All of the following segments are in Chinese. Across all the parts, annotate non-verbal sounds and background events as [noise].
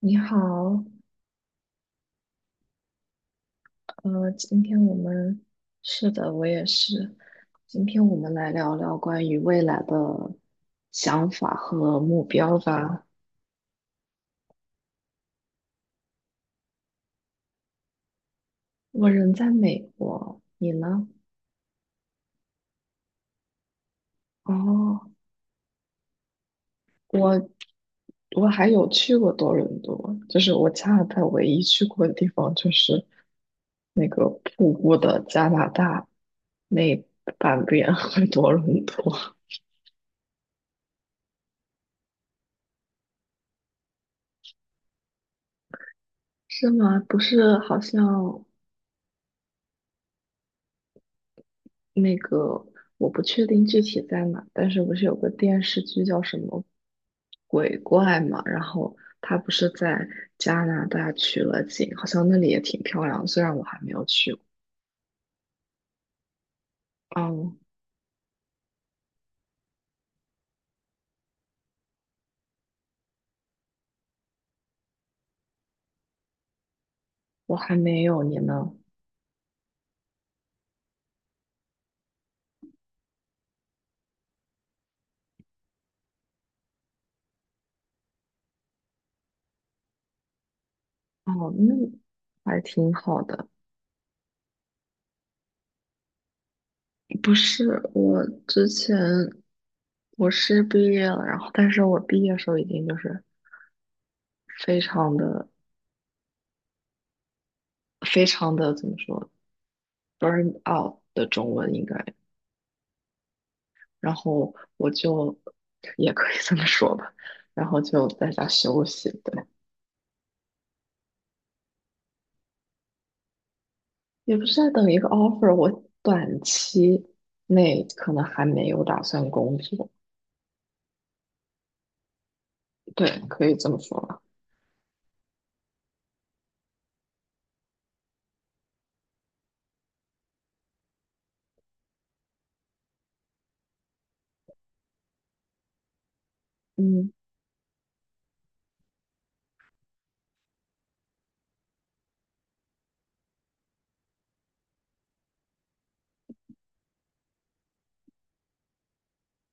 你好，今天我们是的，我也是。今天我们来聊聊关于未来的想法和目标吧。我人在美国，你呢？哦，我我还有去过多伦多，就是我加拿大唯一去过的地方就是那个瀑布的加拿大那半边和多伦多。是吗？不是，好像。那个，我不确定具体在哪，但是不是有个电视剧叫什么鬼怪嘛？然后他不是在加拿大取了景，好像那里也挺漂亮的，虽然我还没有去过。哦，我还没有，你呢？哦，那还挺好的。不是，我之前我是毕业了，然后但是我毕业的时候已经就是非常的非常的怎么说， burn out 的中文应该。然后我就也可以这么说吧，然后就在家休息，对，也不是在等一个 offer，我短期内可能还没有打算工作，对，可以这么说吧，嗯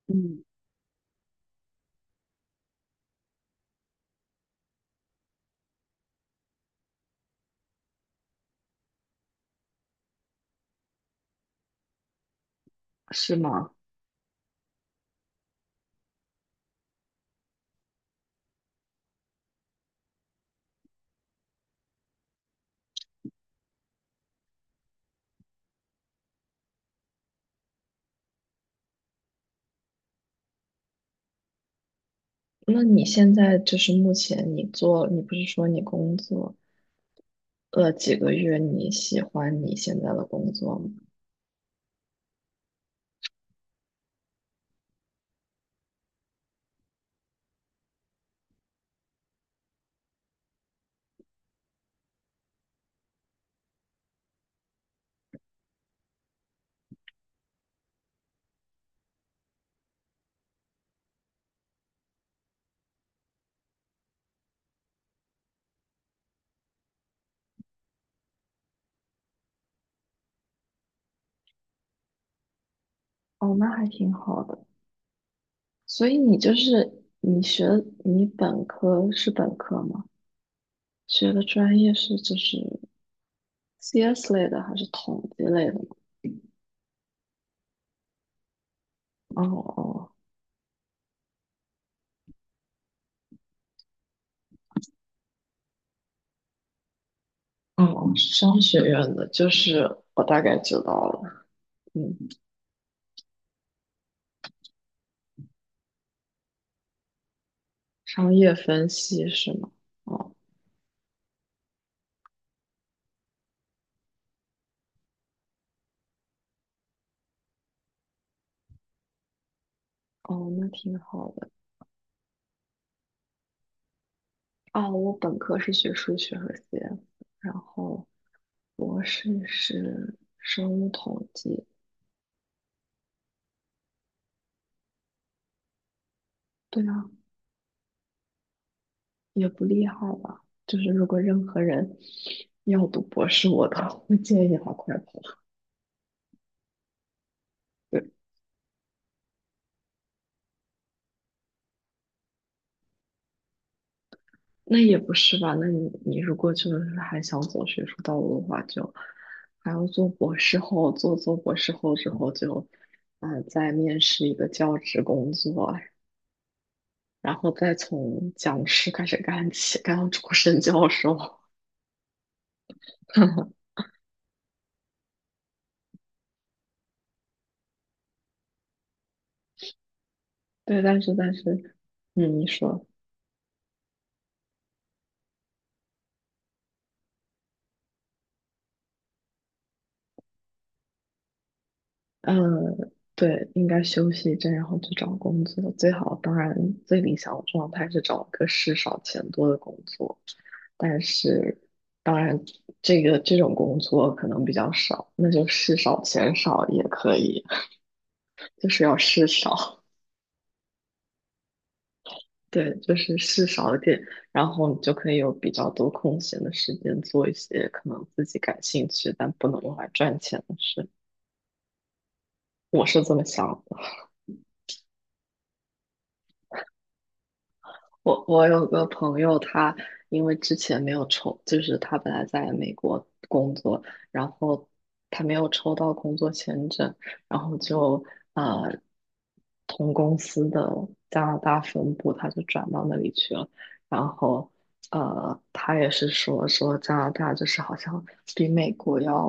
嗯，是吗？那你现在就是目前你做，你不是说你工作了几个月，你喜欢你现在的工作吗？哦，那还挺好的。所以你就是你本科是本科吗？学的专业是就是 CS 类的还是统计类的吗？哦哦哦，商学院的，就是我大概知道了，嗯，商业分析是吗？哦哦，那挺好的。哦，我本科是学数学和 CS，然后博士是生物统计。对啊，也不厉害吧？就是如果任何人要读博士，我都 [laughs] 会建议他快跑。对。那也不是吧？那你如果真的是还想走学术道路的话，就还要做博士后，做博士后之后就，呃，再面试一个教职工作，然后再从讲师开始干起，干到终身教授。[laughs] 对，但是，嗯，你说，嗯，对，应该休息一阵，然后去找工作。最好，当然最理想的状态是找一个事少钱多的工作。但是当然这种工作可能比较少，那就事少钱少也可以，[laughs] 就是要事少，[laughs] 对，就是事少一点，然后你就可以有比较多空闲的时间做一些可能自己感兴趣但不能用来赚钱的事，我是这么想的。我有个朋友，他因为之前没有抽，就是他本来在美国工作，然后他没有抽到工作签证，然后就呃，同公司的加拿大分部，他就转到那里去了。然后他也是说加拿大就是好像比美国要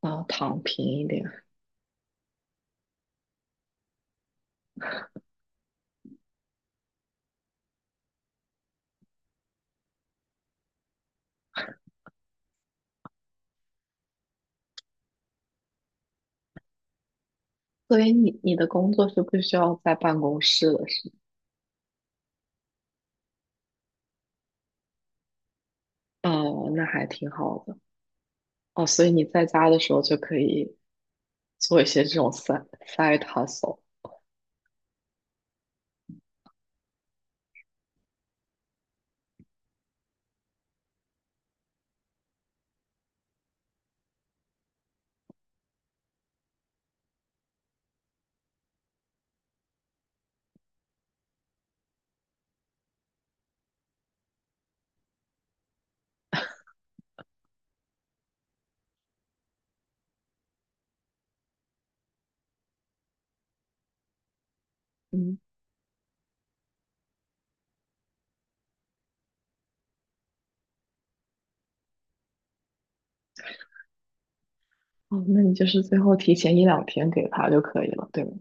躺平一点，所以你的工作是不需要在办公室的，是吗？哦，那还挺好的。哦，所以你在家的时候就可以做一些这种 side hustle。嗯，哦，那你就是最后提前一两天给他就可以了，对吗？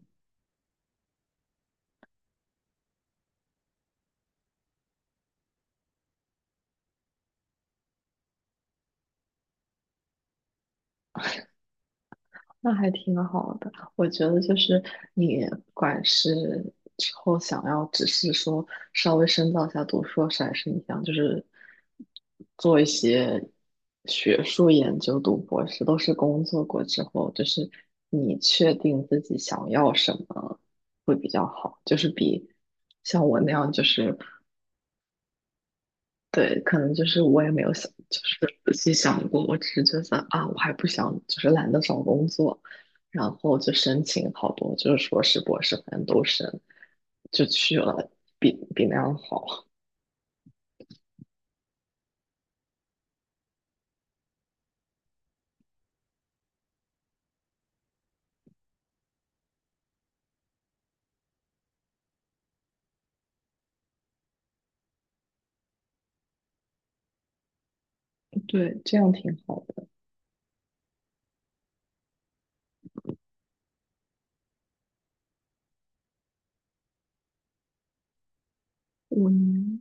那还挺好的，我觉得就是你不管是之后想要只是说稍微深造一下读硕士，还是你想就是做一些学术研究、读博士，都是工作过之后，就是你确定自己想要什么会比较好，就是比像我那样就是对，可能就是我也没有想，就是仔细想过，我只是觉得啊，我还不想，就是懒得找工作，然后就申请好多，就是硕士、博士，反正都申，就去了，比那样好。[laughs] 对，这样挺好的。五年，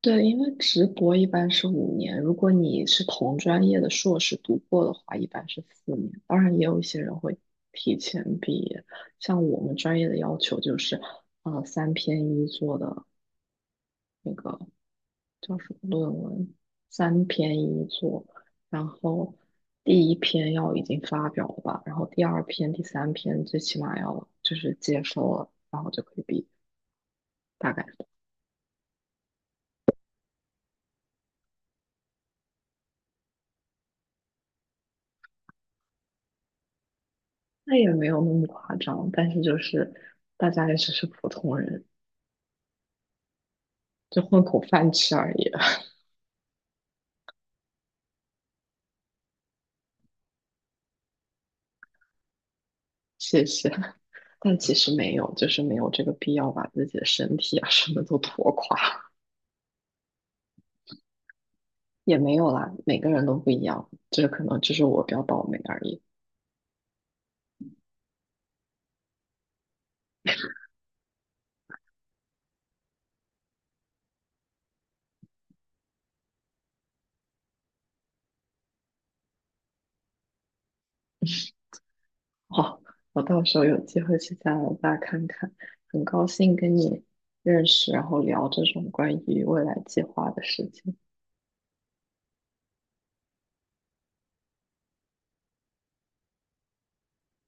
对，因为直博一般是五年，如果你是同专业的硕士读过的话，一般是4年。当然，也有一些人会提前毕业，像我们专业的要求就是，呃，三篇一做的。那个。叫什么论文，三篇一作，然后第一篇要已经发表了吧，然后第二篇、第三篇最起码要就是接收了，然后就可以毕业，大概那也没有那么夸张，但是就是大家也只是普通人，就混口饭吃而已，[laughs] 谢谢。但其实没有，就是没有这个必要把自己的身体啊什么都拖垮，也没有啦，每个人都不一样，就是可能就是我比较倒霉而已。哦，我到时候有机会去加拿大看看。很高兴跟你认识，然后聊这种关于未来计划的事情。